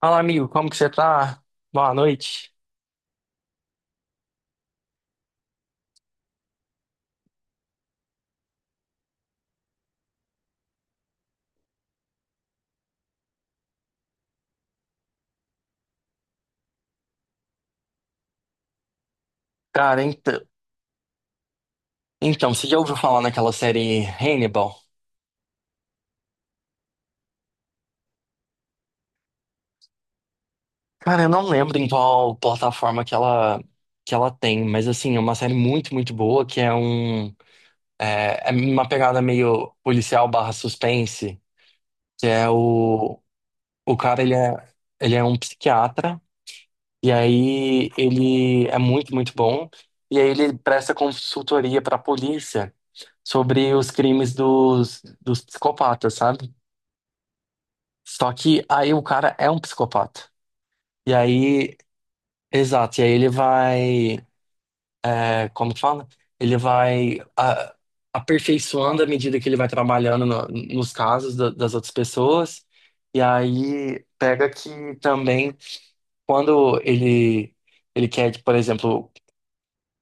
Fala, amigo, como que você tá? Boa noite. Cara, então, você já ouviu falar naquela série Hannibal? Cara, eu não lembro em qual plataforma que ela tem, mas assim, é uma série muito, muito boa, que é uma pegada meio policial barra suspense, que é o cara, ele é um psiquiatra, e aí ele é muito, muito bom, e aí ele presta consultoria pra polícia sobre os crimes dos psicopatas, sabe? Só que aí o cara é um psicopata. E aí, exato, e aí ele vai, é, como que fala? Ele vai aperfeiçoando à medida que ele vai trabalhando nos casos das outras pessoas. E aí pega que também quando ele quer, tipo, por exemplo,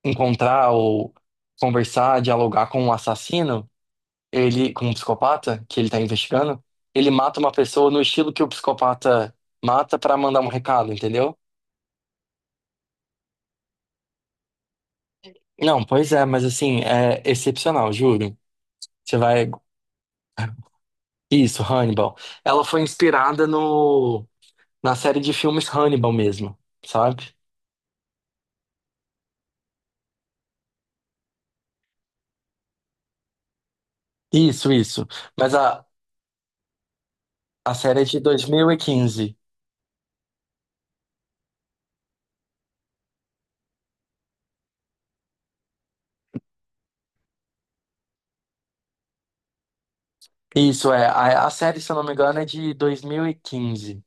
encontrar ou conversar, dialogar com um assassino, ele com um psicopata que ele está investigando, ele mata uma pessoa no estilo que o psicopata mata para mandar um recado, entendeu? Não, pois é, mas assim, é excepcional, juro. Você vai. Isso, Hannibal. Ela foi inspirada no... na série de filmes Hannibal mesmo, sabe? Isso, isso. Mas a série é de 2015. Isso, é. A série, se eu não me engano, é de 2015.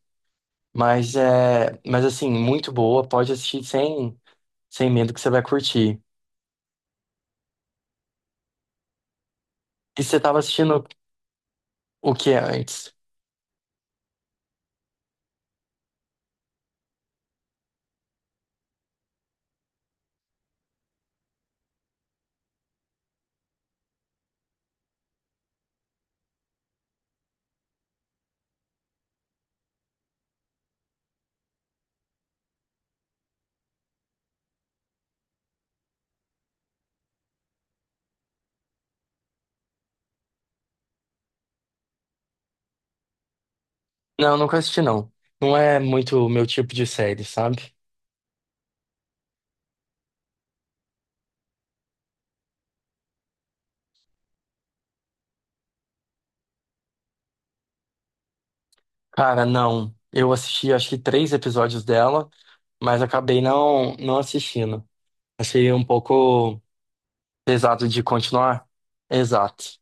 Mas é. Mas assim, muito boa. Pode assistir sem medo que você vai curtir. E você tava assistindo o que antes? Não, nunca assisti, não. Não é muito o meu tipo de série, sabe? Cara, não. Eu assisti acho que três episódios dela, mas acabei não assistindo. Achei um pouco pesado de continuar. Exato.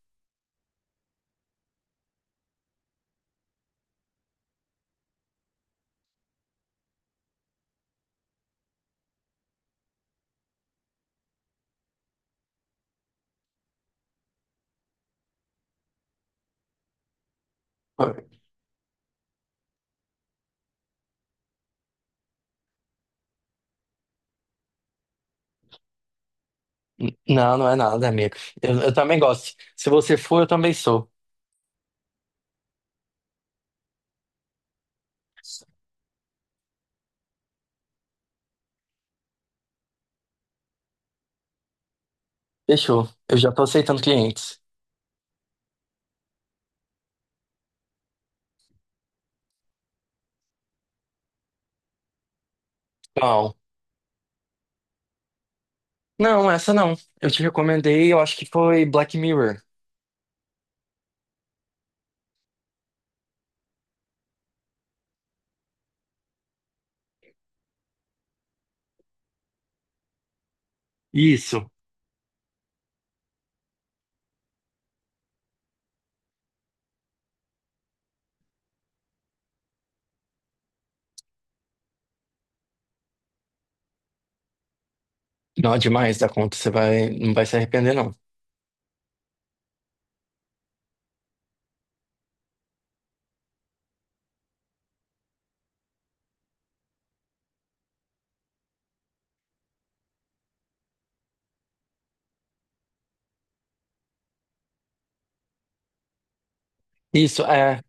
Não, não é nada, amigo. Eu também gosto. Se você for, eu também sou. Fechou. Eu já tô aceitando clientes. Não. Não, essa não. Eu te recomendei, eu acho que foi Black Mirror. Isso. Não, é demais da conta. Você vai, não vai se arrepender, não. Isso, é.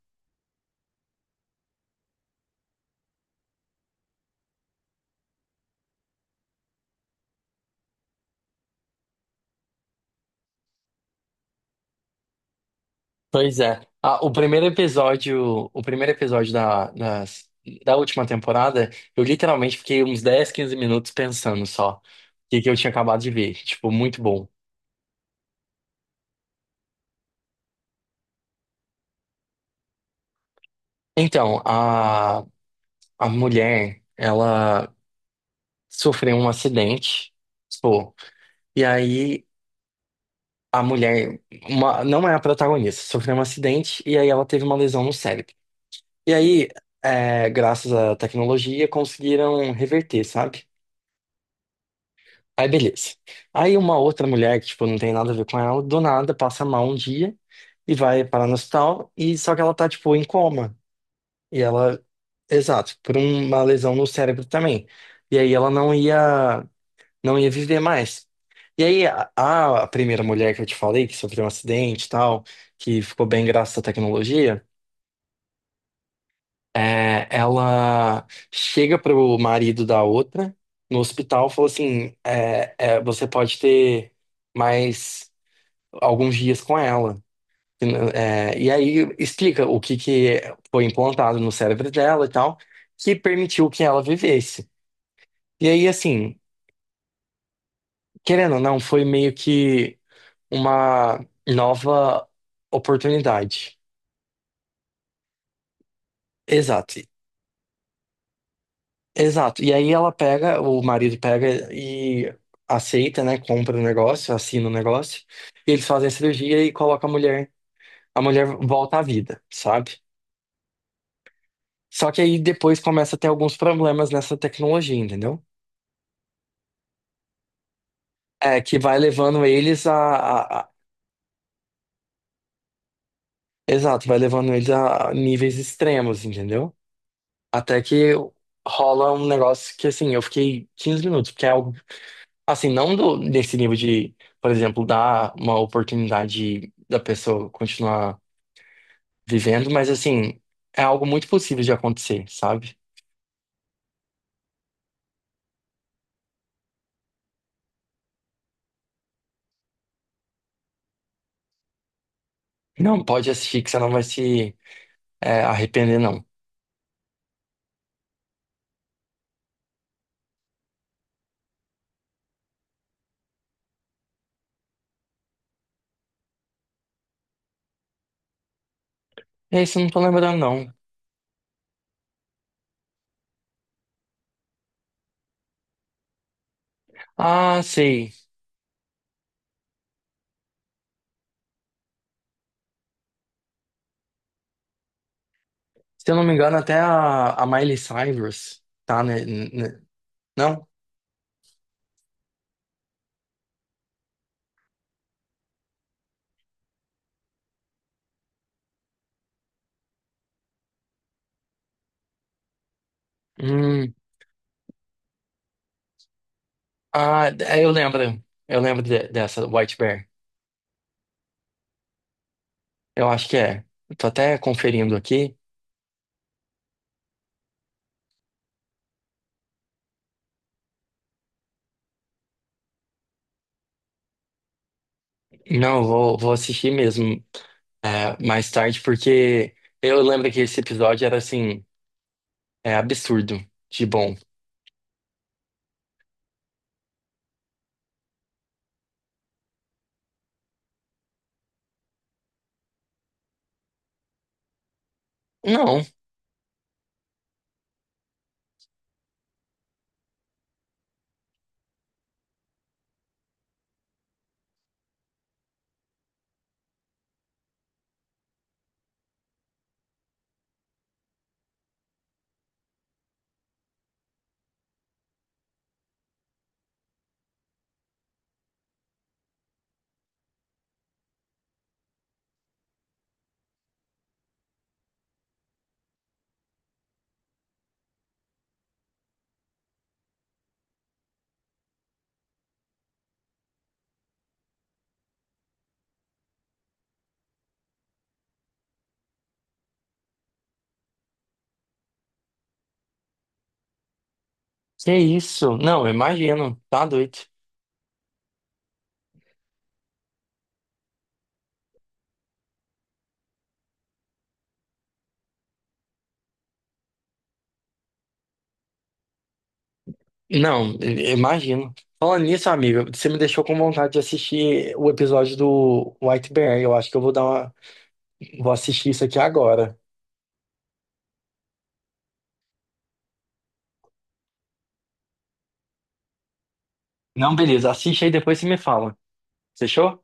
Pois é. Ah, o primeiro episódio da última temporada, eu literalmente fiquei uns 10 15 minutos pensando só o que que eu tinha acabado de ver. Tipo, muito bom. Então, a mulher, ela sofreu um acidente, pô, e aí a mulher, não é a protagonista, sofreu um acidente e aí ela teve uma lesão no cérebro. E aí, é, graças à tecnologia, conseguiram reverter, sabe? Aí beleza. Aí uma outra mulher que, tipo, não tem nada a ver com ela, do nada passa mal um dia e vai parar no hospital, e só que ela tá, tipo, em coma. E ela, exato, por uma lesão no cérebro também. E aí ela não ia viver mais. E aí a primeira mulher que eu te falei, que sofreu um acidente e tal, que ficou bem graças à tecnologia, é, ela chega pro marido da outra no hospital, falou assim, você pode ter mais alguns dias com ela. É, e aí explica o que que foi implantado no cérebro dela e tal, que permitiu que ela vivesse. E aí, assim, querendo ou não, foi meio que uma nova oportunidade. Exato. Exato. E aí ela pega, o marido pega e aceita, né? Compra o negócio, assina o negócio. E eles fazem a cirurgia e colocam a mulher. A mulher volta à vida, sabe? Só que aí depois começa a ter alguns problemas nessa tecnologia, entendeu? É, que vai levando eles. Exato, vai levando eles a níveis extremos, entendeu? Até que rola um negócio que, assim, eu fiquei 15 minutos, porque é algo. Assim, não do, desse nível de, por exemplo, dar uma oportunidade da pessoa continuar vivendo, mas assim, é algo muito possível de acontecer, sabe? Não, pode assistir que você não vai se arrepender, não. É isso, eu não tô lembrando, não. Ah, sei. Se eu não me engano, até a Miley Cyrus tá, né? Não? Hum, ah, é, eu lembro. Eu lembro dessa White Bear. Eu acho que é. Eu tô até conferindo aqui. Não, vou assistir mesmo mais tarde, porque eu lembro que esse episódio era assim, é absurdo de bom. Não, que isso? Não, eu imagino, tá doido. Não, eu imagino. Falando nisso, amigo, você me deixou com vontade de assistir o episódio do White Bear. Eu acho que eu vou dar uma, vou assistir isso aqui agora. Não, beleza, assiste aí depois você me fala. Fechou?